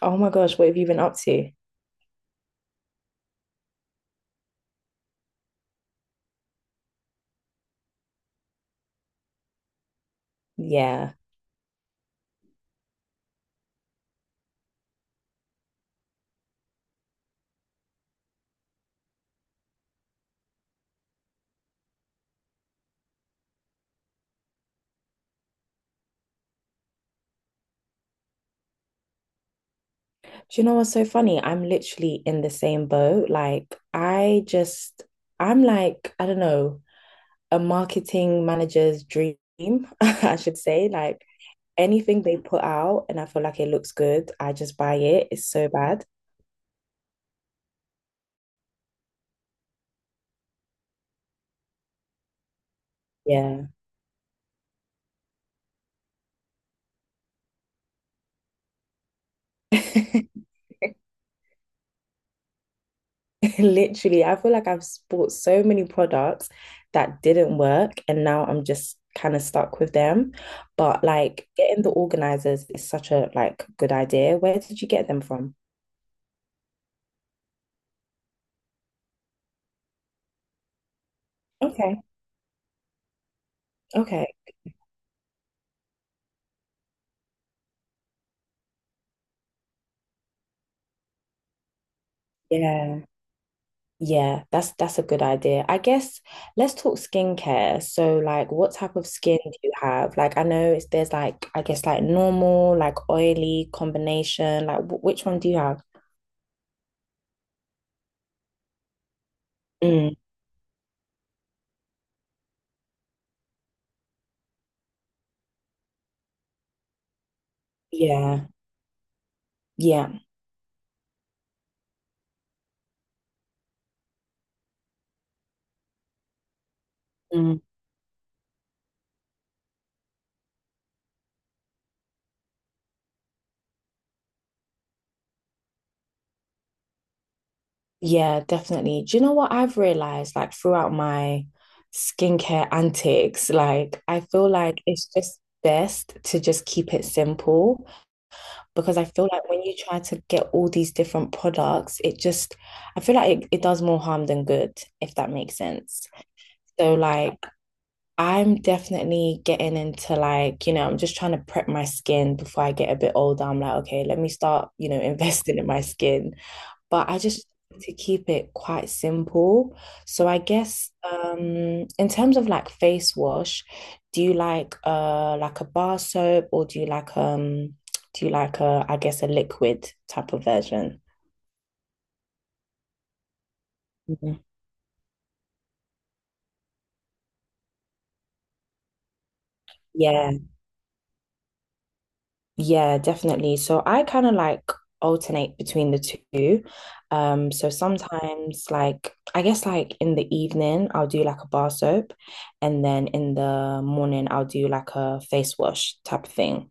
Oh my gosh, what have you been up to? Yeah. Do you know what's so funny? I'm literally in the same boat. Like, I just, I'm like, I don't know, a marketing manager's dream, I should say. Like, anything they put out and I feel like it looks good, I just buy it. It's so bad. Yeah. Literally, I feel like I've bought so many products that didn't work, and now I'm just kind of stuck with them. But like getting the organizers is such a like good idea. Where did you get them from? Okay. Okay. Yeah. Yeah, that's a good idea. I guess let's talk skincare. So like what type of skin do you have? Like I know it's, there's like I guess like normal, like oily combination. Like which one do you have? Mm, yeah. Yeah. Yeah, definitely. Do you know what I've realized like throughout my skincare antics? Like, I feel like it's just best to just keep it simple because I feel like when you try to get all these different products, it just, I feel like it does more harm than good, if that makes sense. So, like, I'm definitely getting into like, you know, I'm just trying to prep my skin before I get a bit older. I'm like, okay, let me start, you know, investing in my skin. But I just like to keep it quite simple. So I guess in terms of like face wash, do you like a bar soap or do you like a I guess a liquid type of version? Mhm. Yeah. Yeah, definitely. So I kind of like alternate between the two. So sometimes like I guess like in the evening I'll do like a bar soap and then in the morning I'll do like a face wash type of thing.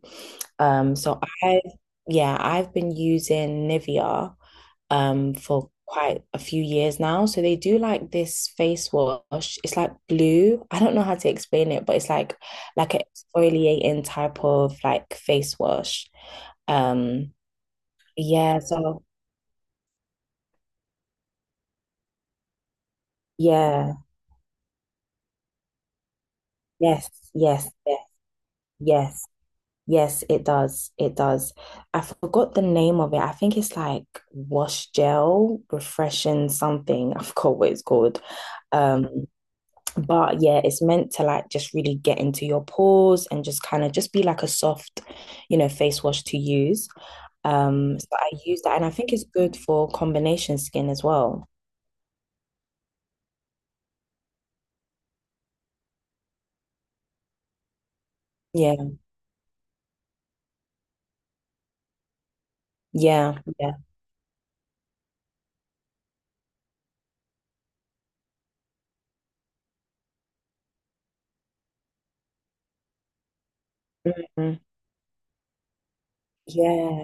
So I yeah, I've been using Nivea for quite a few years now. So they do like this face wash. It's like blue. I don't know how to explain it, but it's like an exfoliating type of like face wash. Um, yeah, so yeah, yes, yes, yes, yes, yes, it does. It does. I forgot the name of it. I think it's like wash gel, refreshing something. I forgot what it's called. Um, But yeah, it's meant to like just really get into your pores and just kind of just be like a soft, you know, face wash to use. So I use that and I think it's good for combination skin as well. Yeah, yeah, yeah. Mhm. Yeah,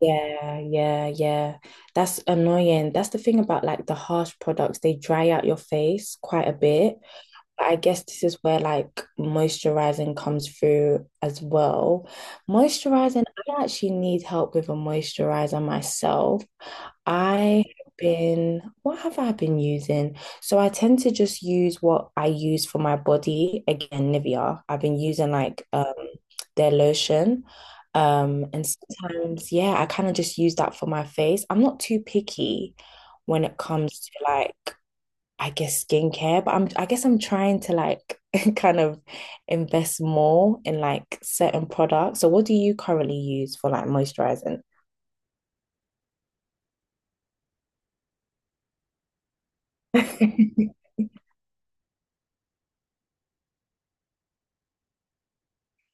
yeah, yeah, yeah. That's annoying. That's the thing about like the harsh products, they dry out your face quite a bit. I guess this is where like moisturizing comes through as well. Moisturizing, I actually need help with a moisturizer myself. I have been, what have I been using? So I tend to just use what I use for my body. Again, Nivea. I've been using like their lotion. And sometimes, yeah, I kind of just use that for my face. I'm not too picky when it comes to like I guess skincare, but I guess I'm trying to like kind of invest more in like certain products. So what do you currently use for like moisturizing?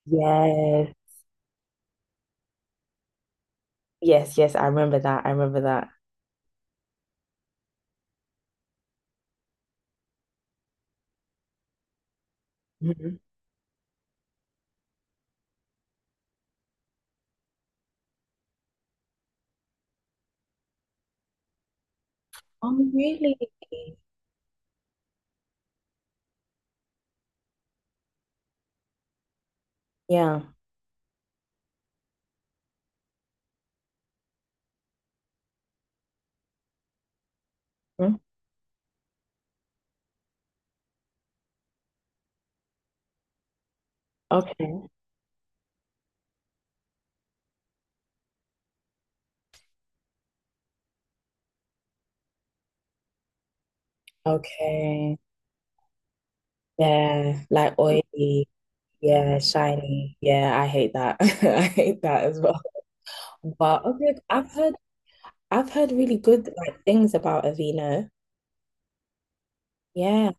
Yes. Yes, yes, I remember that. I remember that. Mhm. Oh, really? Yeah. Mhm. Okay. Okay. Yeah, like oily. Yeah, shiny. Yeah, I hate that. I hate that as well. But okay, I've heard really good like things about Aveeno. Yeah.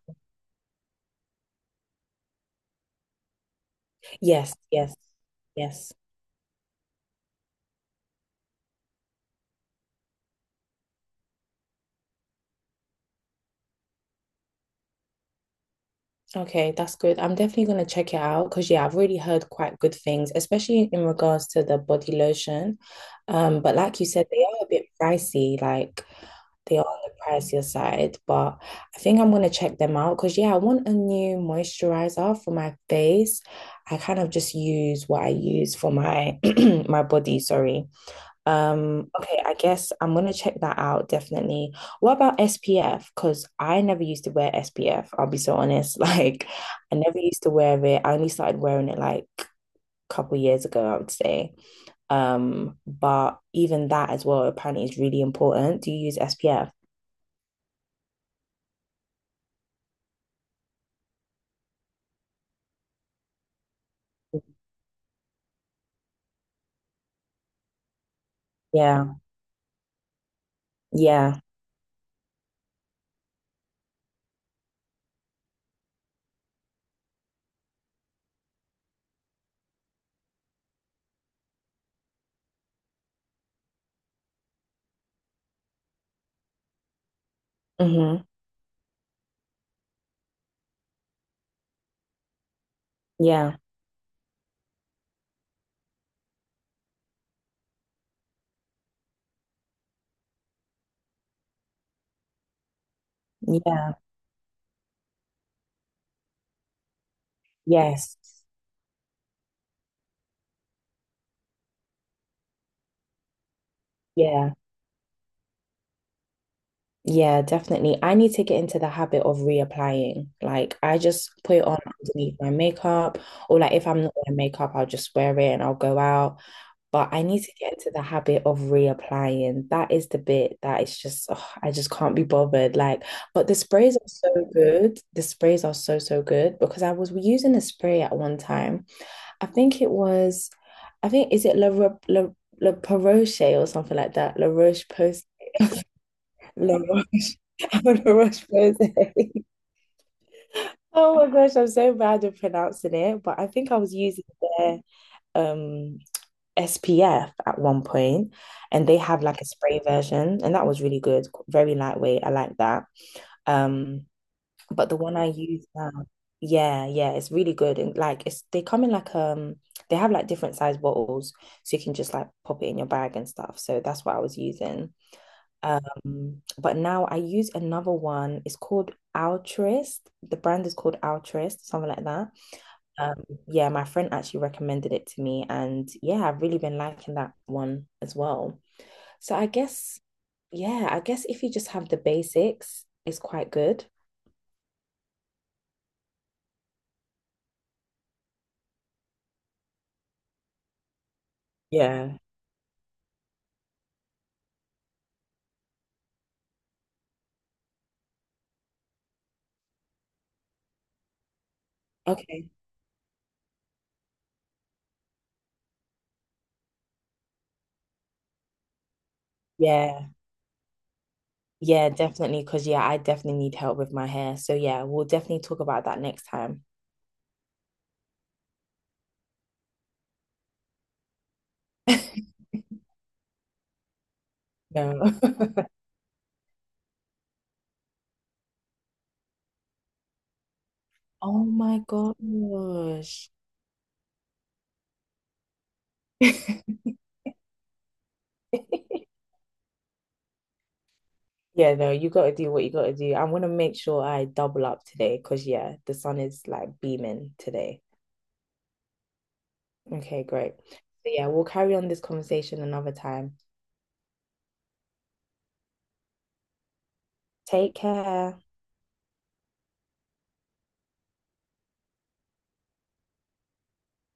Yes, yes, yes. Okay, that's good. I'm definitely going to check it out because, yeah, I've already heard quite good things, especially in regards to the body lotion. But like you said, they are a bit pricey, they are on the pricier side. But I think I'm going to check them out because, yeah, I want a new moisturizer for my face. I kind of just use what I use for my my body, sorry. Okay, I guess I'm gonna check that out definitely. What about SPF? Because I never used to wear SPF, I'll be so honest. Like, I never used to wear it. I only started wearing it like a couple years ago, I would say. But even that as well apparently is really important. Do you use SPF? Yeah, yeah, mm-hmm. Yeah, yeah, yes, yeah. Yeah, definitely. I need to get into the habit of reapplying. Like, I just put it on underneath my makeup, or like if I'm not wearing makeup, I'll just wear it and I'll go out. But I need to get into the habit of reapplying. That is the bit that is just, ugh, I just can't be bothered. Like, but the sprays are so good. The sprays are so, so good because I was using a spray at one time. I think it was, I think, is it La Roche or something like that? La Roche Post. La Roche, I'm La Roche Posay. Oh my gosh, I'm so bad at pronouncing it, but I think I was using their um SPF at one point, and they have like a spray version, and that was really good, very lightweight. I like that. Um, but the one I use now, yeah, yeah, it's really good, and like it's they come in like they have like different size bottles, so you can just like pop it in your bag and stuff. So that's what I was using. But now I use another one. It's called Altruist. The brand is called Altruist, something like that. Yeah, my friend actually recommended it to me, and yeah, I've really been liking that one as well. So I guess, yeah, I guess if you just have the basics, it's quite good. Yeah. Okay. Yeah. Yeah, definitely. Because, yeah, I definitely need help with my hair. So, yeah, we'll definitely talk about that next time. No. Oh my gosh. Yeah, no, you gotta do what you gotta do. I'm gonna make sure I double up today because yeah, the sun is like beaming today. Okay, great. So yeah, we'll carry on this conversation another time. Take care.